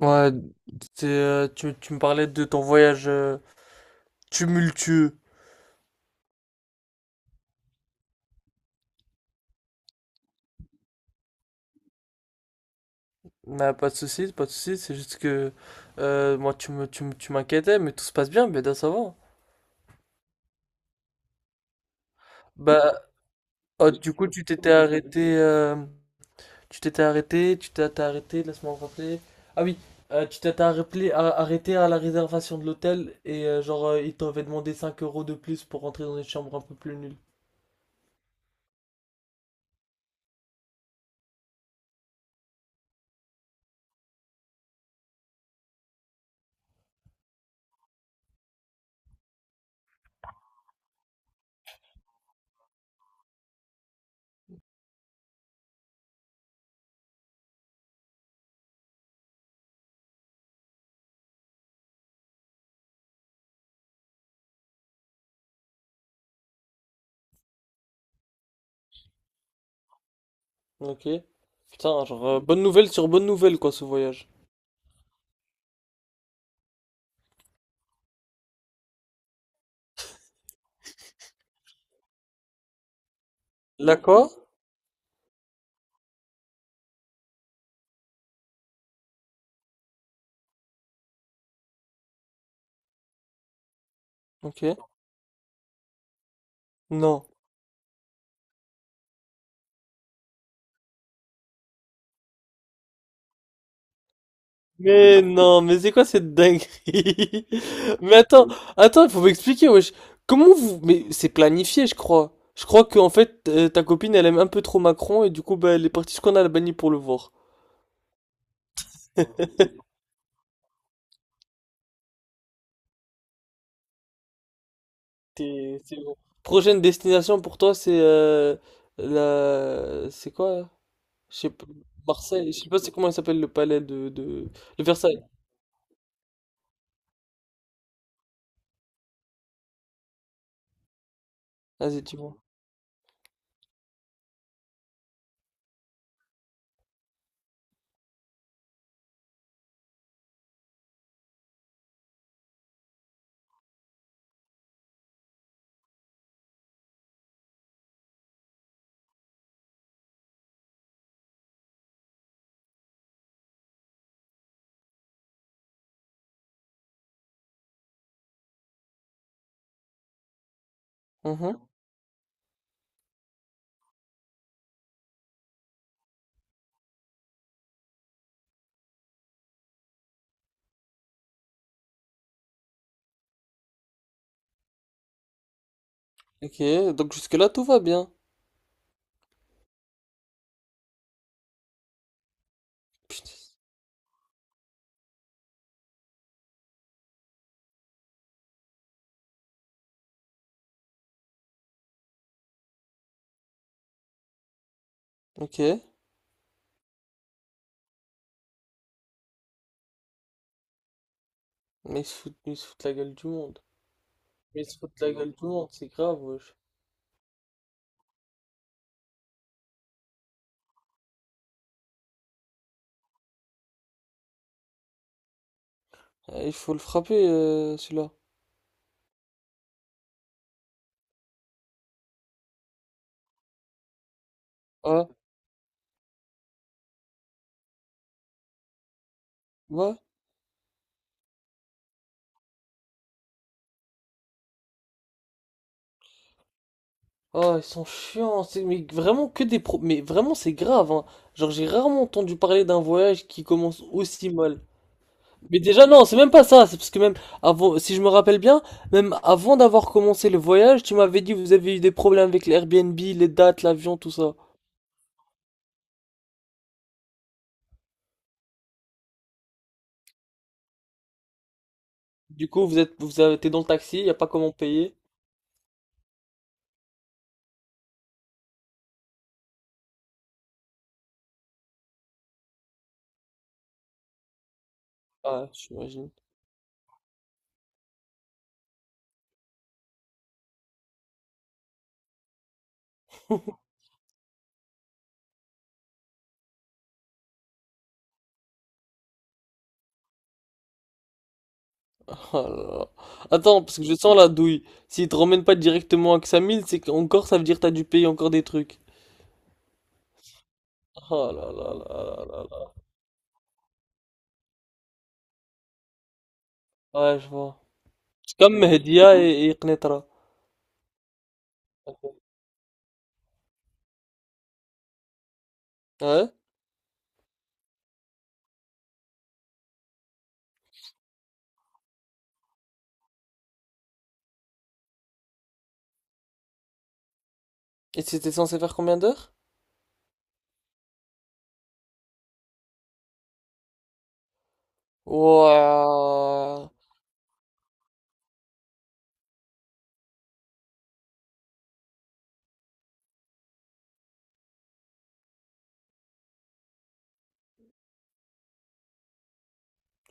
Ouais, tu me parlais de ton voyage tumultueux. Bah, pas de soucis, pas de soucis, c'est juste que moi tu m'inquiétais, mais tout se passe bien, bien ça va. Bah, oh, du coup tu t'étais arrêté, tu t'es arrêté, laisse-moi me rappeler. Ah oui, arrêté à la réservation de l'hôtel et genre ils t'avaient demandé 5 € de plus pour rentrer dans une chambre un peu plus nulle. Ok. Putain, genre bonne nouvelle sur bonne nouvelle quoi ce voyage. D'accord. Ok. Non. Mais non, mais c'est quoi cette dinguerie? Mais attends, attends, il faut m'expliquer, wesh. Comment vous... Mais c'est planifié, je crois. Je crois que en fait, ta copine, elle aime un peu trop Macron et du coup, bah, elle est partie jusqu'en Albanie pour le voir. C'est bon. Prochaine destination pour toi, C'est quoi, là? Je sais pas. Marseille. Je sais pas c'est comment il s'appelle le palais de, de Versailles. Vas-y, dis-moi. Mhm. Ok, donc jusque-là, tout va bien. Putain, ok. Mais ils se foutent la gueule du monde. Mais il se fout de la gueule tout le monde, c'est grave, wesh. Ah, il faut le frapper, celui-là. Ah, ouais. Ah, ils sont chiants, c'est mais vraiment que des Mais vraiment, c'est grave, hein. Genre, j'ai rarement entendu parler d'un voyage qui commence aussi mal. Mais déjà, non, c'est même pas ça, c'est parce que même avant, si je me rappelle bien, même avant d'avoir commencé le voyage, tu m'avais dit que vous avez eu des problèmes avec les Airbnb, les dates, l'avion, tout ça. Du coup, vous avez été dans le taxi, y a pas comment payer. Ah, j'imagine. Oh là là. Attends, parce que je sens la douille. S'il te ramène pas directement à Xamil, c'est qu'encore ça veut dire que t'as dû payer encore des trucs. Oh là là là là là là. Ouais, je vois. C'est comme Mehdia et, Qnetra. Ouais? Et c'était censé faire combien d'heures? Ouah.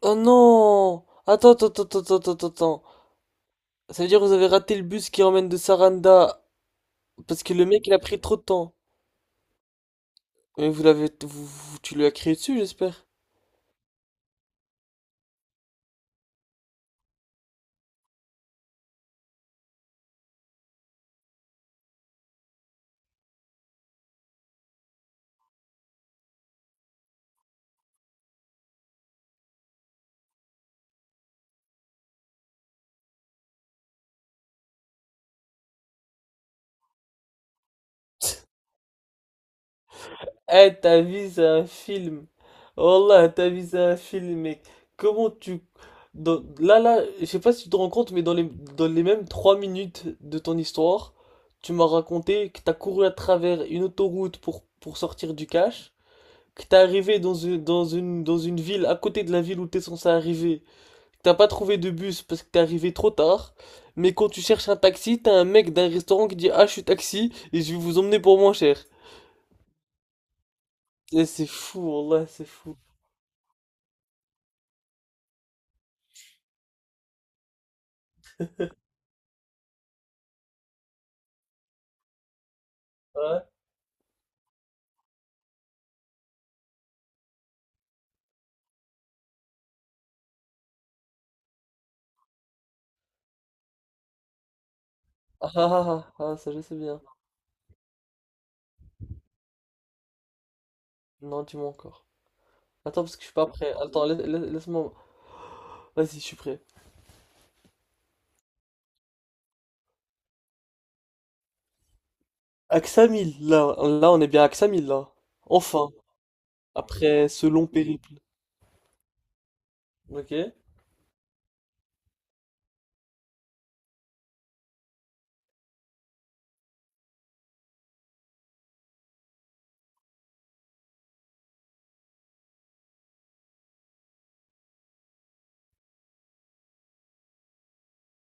Oh non! Attends, attends, attends, attends, attends, attends. Ça veut dire que vous avez raté le bus qui emmène de Saranda parce que le mec il a pris trop de temps. Mais vous l'avez, vous, vous- tu lui as crié dessus, j'espère. Eh, ta vie, c'est un film. Oh là, ta vie, c'est un film, mec. Comment tu... Là, là, je sais pas si tu te rends compte, mais dans les mêmes 3 minutes de ton histoire, tu m'as raconté que t'as couru à travers une autoroute pour sortir du cash, que t'es arrivé dans une ville à côté de la ville où t'es censé arriver, que t'as pas trouvé de bus parce que t'es arrivé trop tard, mais quand tu cherches un taxi, t'as un mec d'un restaurant qui dit « Ah, je suis taxi et je vais vous emmener pour moins cher ». Eh, c'est fou, là, c'est fou. Ouais. Ah ah ah, ah, ah, ça je sais bien. Non, dis-moi encore. Attends, parce que je suis pas prêt. Attends, laisse-moi. Vas-y, je suis prêt. Axamil, là, là, on est bien à Axamil, là. Enfin, après ce long périple. Ok.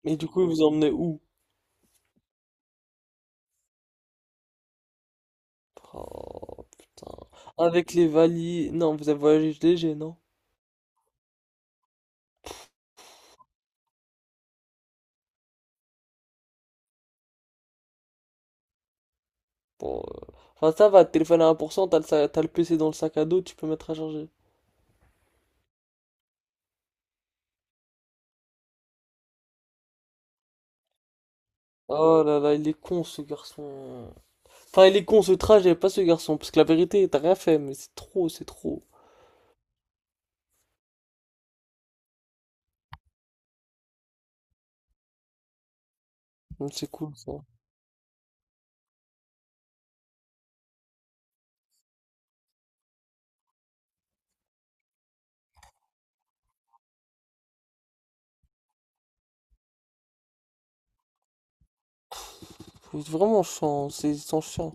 Et du coup, vous vous emmenez où? Oh, putain. Avec les valises. Non, vous avez voyagé léger, non? Bon, enfin, ça va, téléphone à 1%, t'as le PC dans le sac à dos, tu peux mettre à charger. Oh là là, il est con ce garçon. Enfin, il est con ce trajet, pas ce garçon, parce que la vérité, t'as rien fait, mais c'est trop, c'est trop. Donc, c'est cool ça. Faut vraiment chiant, c'est sans chiant.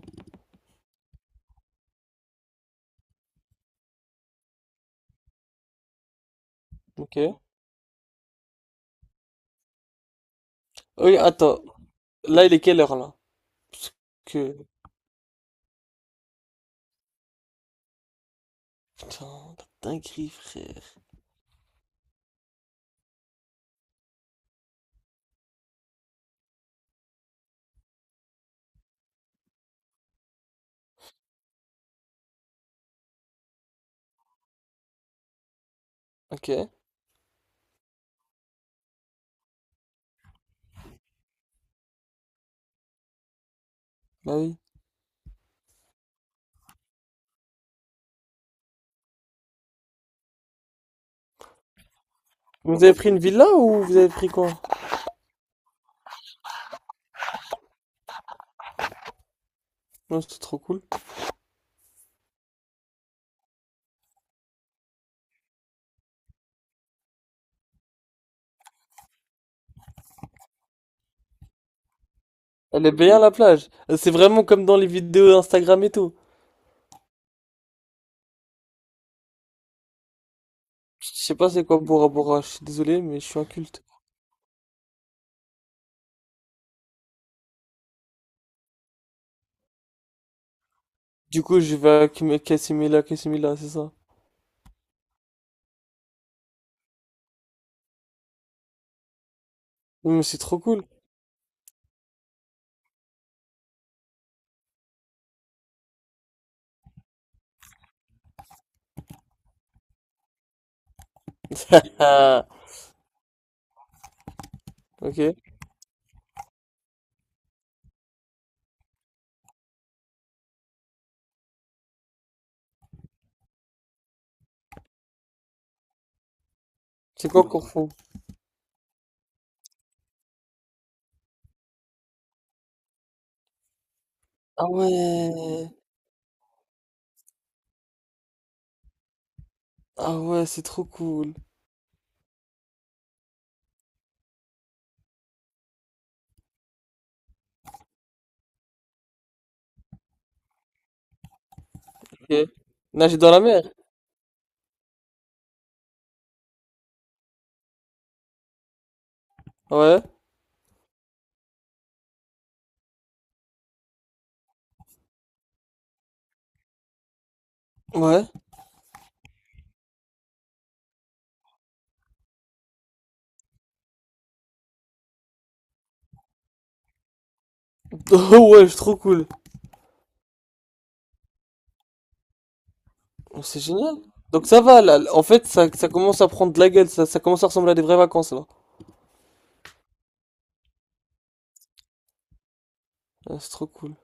Ok. Oui, attends, là il est quelle heure là? Parce que. Putain, la dinguerie frère. Ok, bah oui. Vous avez pris une villa ou vous avez pris quoi? Non, c'est trop cool. Elle est bien la plage. C'est vraiment comme dans les vidéos Instagram et tout. Je sais pas c'est quoi Bora Bora, je suis désolé, mais je suis inculte. Du coup, je vais à Casimila, Casimila, c'est ça. Non, mais c'est trop cool. Ok. C'est quoi, cool, qu'on fond? Ah ouais. Ah ouais, c'est trop cool. Ok. Nager dans la mer? Ouais. Ouais. Oh ouais, c'est trop cool. Oh, c'est génial. Donc ça va là. En fait, ça commence à prendre de la gueule. Ça commence à ressembler à des vraies vacances là. Ah, c'est trop cool.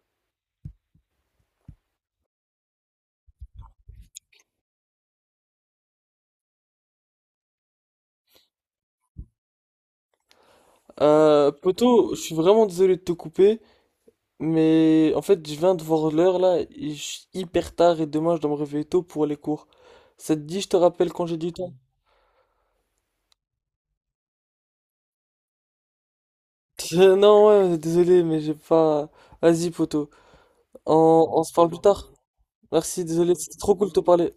Poto, je suis vraiment désolé de te couper, mais en fait, je viens de voir l'heure là. Il est hyper tard et demain, je dois me réveiller tôt pour les cours. Ça te dit, je te rappelle quand j'ai du temps? Non, ouais, désolé, mais j'ai pas. Vas-y, poto. On se parle plus tard. Merci, désolé, c'était trop cool de te parler.